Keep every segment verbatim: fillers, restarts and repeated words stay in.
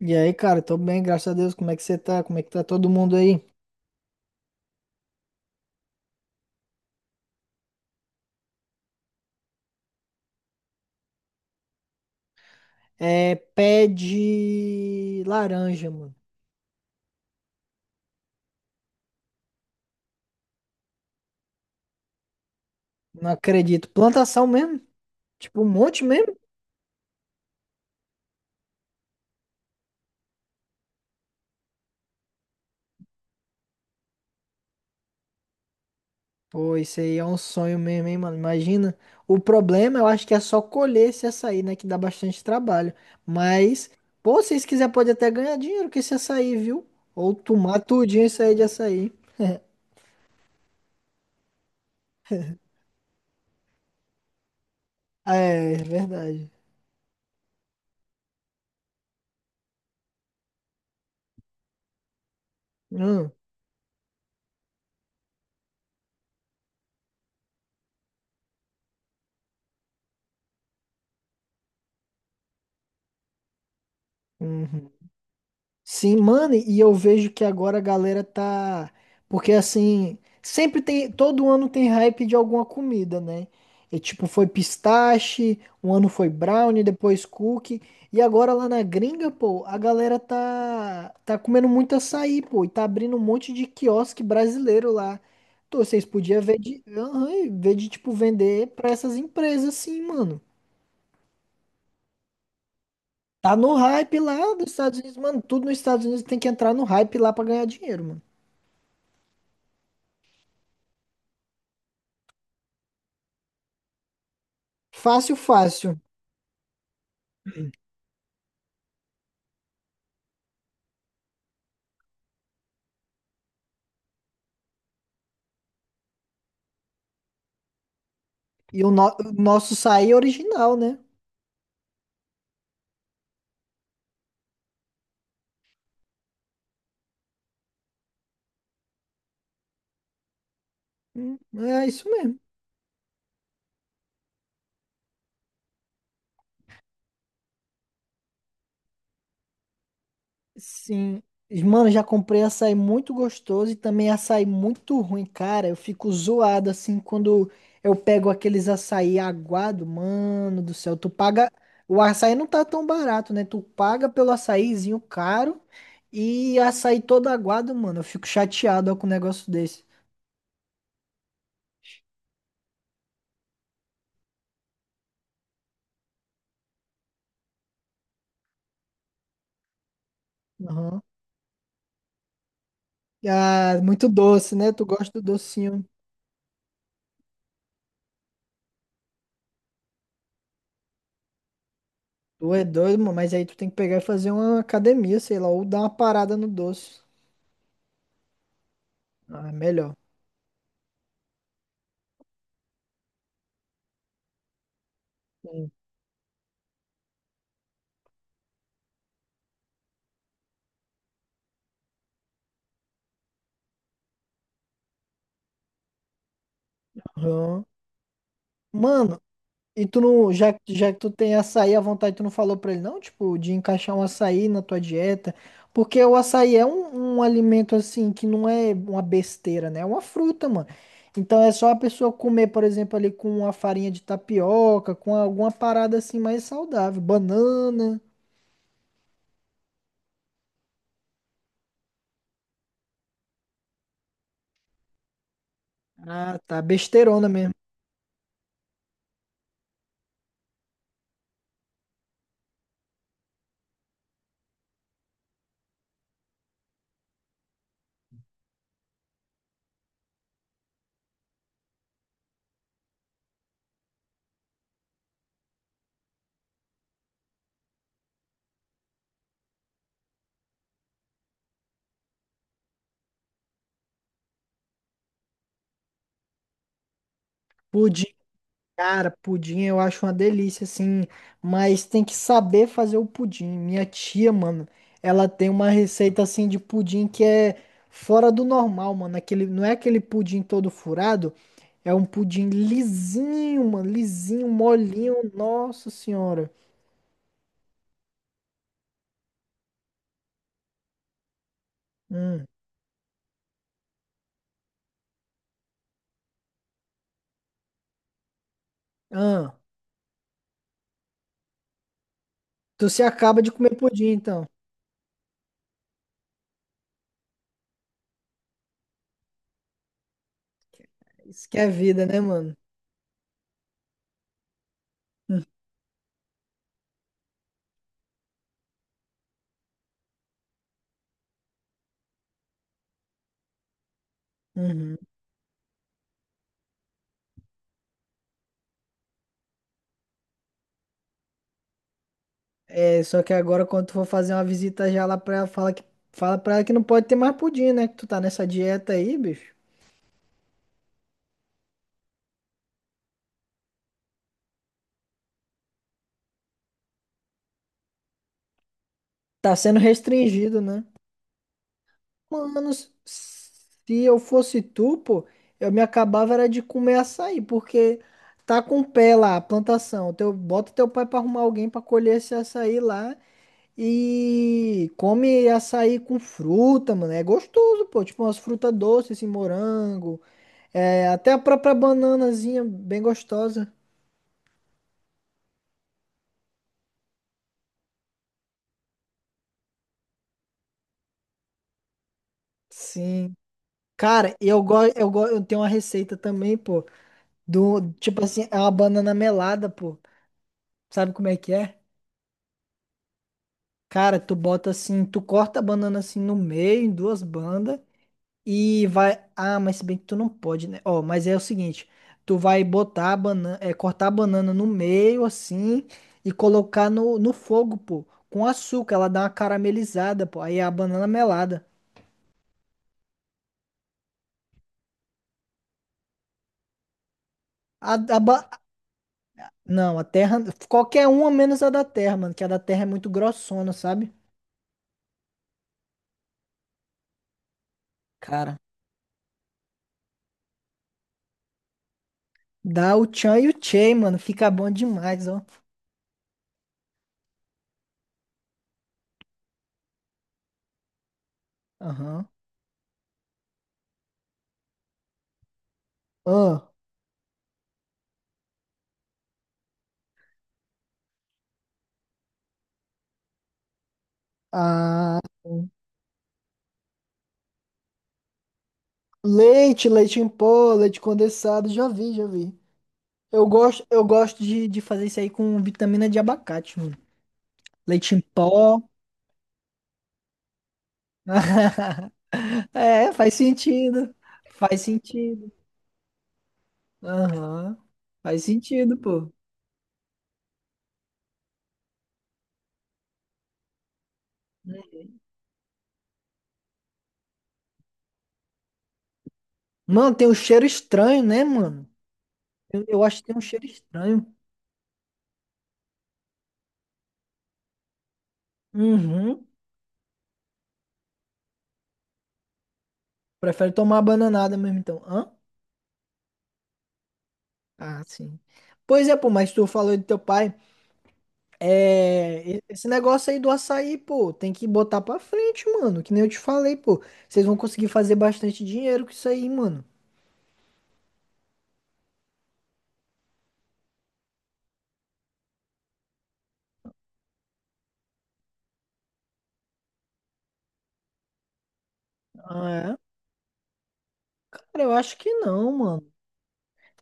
E aí, cara, tô bem, graças a Deus. Como é que você tá? Como é que tá todo mundo aí? É, pé de laranja, mano. Não acredito. Plantação mesmo? Tipo, um monte mesmo? Pô, isso aí é um sonho mesmo, hein, mano? Imagina. O problema, eu acho que é só colher esse açaí, né? Que dá bastante trabalho. Mas, pô, se vocês quiserem, pode até ganhar dinheiro com esse açaí, viu? Ou tomar tudinho isso aí de açaí. É, é verdade. Hum, uhum. Sim, mano, e eu vejo que agora a galera tá. Porque assim, sempre tem. Todo ano tem hype de alguma comida, né? E tipo, foi pistache, um ano foi brownie, depois cookie. E agora lá na gringa, pô, a galera tá. Tá comendo muito açaí, pô. E tá abrindo um monte de quiosque brasileiro lá. Então, vocês podiam ver de. Aham, ver de, tipo, vender pra essas empresas, assim, mano. Tá no hype lá dos Estados Unidos, mano. Tudo nos Estados Unidos tem que entrar no hype lá pra ganhar dinheiro, mano. Fácil, fácil. E o, no- o nosso açaí é original, né? Hum, é isso mesmo. Sim. Mano, já comprei açaí muito gostoso e também açaí muito ruim, cara. Eu fico zoado assim quando eu pego aqueles açaí aguado, mano do céu. Tu paga. O açaí não tá tão barato, né? Tu paga pelo açaizinho caro e açaí todo aguado, mano. Eu fico chateado ó, com um negócio desse. Aham. Ah, muito doce, né? Tu gosta do docinho. Tu é doido, mano, mas aí tu tem que pegar e fazer uma academia, sei lá, ou dar uma parada no doce. Ah, é melhor. Sim. Aham. Mano, e tu não, já, que- já que tu tem açaí à vontade, tu não falou pra ele não, tipo, de encaixar um açaí na tua dieta? Porque o açaí é um, um alimento, assim, que não é uma besteira, né? É uma fruta, mano. Então é só a pessoa comer, por exemplo, ali com uma farinha de tapioca, com alguma parada assim mais saudável. Banana. Ah, tá. Besteirona mesmo. Pudim. Cara, pudim eu acho uma delícia, assim, mas tem que saber fazer o pudim. Minha tia, mano, ela tem uma receita, assim, de pudim que é fora do normal, mano. Aquele, não é aquele pudim todo furado, é um pudim lisinho, mano, lisinho, molinho, nossa senhora. Hum. Ah, tu se acaba de comer pudim, então. Isso que é vida, né, mano? Hum, uhum. É, só que agora quando tu for fazer uma visita já lá pra ela, fala que, fala pra ela que não pode ter mais pudim, né? Que tu tá nessa dieta aí, bicho. Tá sendo restringido, né? Mano, s- se eu fosse tu, pô, eu me acabava era de comer açaí, porque tá com pé lá, a plantação. Teu, bota teu pai pra arrumar alguém pra colher esse açaí lá e come açaí com fruta, mano. É gostoso, pô. Tipo umas frutas doces, assim, morango, é, até a própria bananazinha bem gostosa. Sim. Cara, eu gosto, eu gosto, eu tenho uma receita também, pô, do, tipo assim, é uma banana melada, pô. Sabe como é que é? Cara, tu bota assim, tu corta a banana assim no meio, em duas bandas e vai, ah, mas se bem que tu não pode, né? Ó, mas é o seguinte, tu vai botar a banana, é, cortar a banana no meio assim e colocar no, no fogo, pô, com açúcar, ela dá uma caramelizada, pô. Aí é a banana melada. A, a, ba- Não, a Terra. Qualquer uma menos a da Terra, mano. Que a da Terra é muito grossona, sabe? Cara, dá o Chan e o Chey, mano. Fica bom demais, ó. Aham. Ó, ah, leite, leite em pó, leite condensado. Já vi, já vi. Eu gosto, eu gosto de, de fazer isso aí com vitamina de abacate, mano. Leite em pó. É, faz sentido. Faz sentido. Aham. Faz sentido, pô. Mano, tem um cheiro estranho, né, mano? Eu, eu acho que tem um cheiro estranho. Uhum. Prefere tomar a bananada mesmo, então. Hã? Ah, sim. Pois é, pô, mas tu falou do teu pai. É, e- esse negócio aí do açaí, pô, tem que botar pra frente, mano. Que nem eu te falei, pô. Vocês vão conseguir fazer bastante dinheiro com isso aí, mano. Ah, é? Cara, eu acho que não, mano.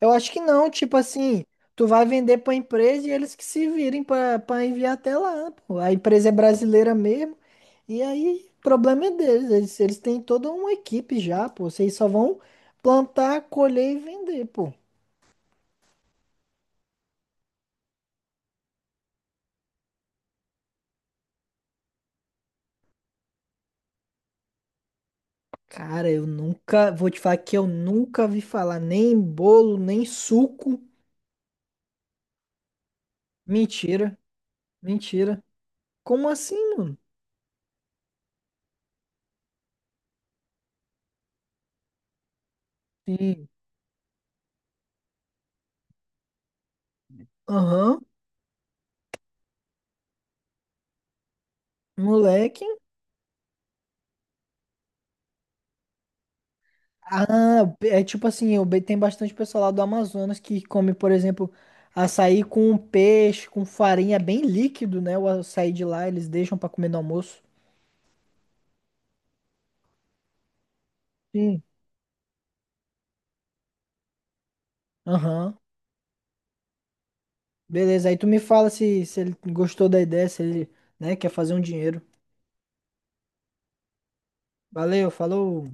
Eu acho que não, tipo assim, tu vai vender pra empresa e eles que se virem pra pra enviar até lá, pô. A empresa é brasileira mesmo, e aí o problema é deles, eles, eles têm toda uma equipe já, pô. Vocês só vão plantar, colher e vender, pô. Cara, eu nunca, vou te falar que eu nunca vi falar nem em bolo, nem em suco. Mentira, mentira. Como assim, mano? Sim. Aham, moleque. Ah, é tipo assim, o be- tem bastante pessoal lá do Amazonas que come, por exemplo, açaí com peixe, com farinha, é bem líquido, né? O açaí de lá, eles deixam pra comer no almoço. Sim. Aham. Beleza, aí tu me fala se, se ele gostou da ideia, se ele, né, quer fazer um dinheiro. Valeu, falou.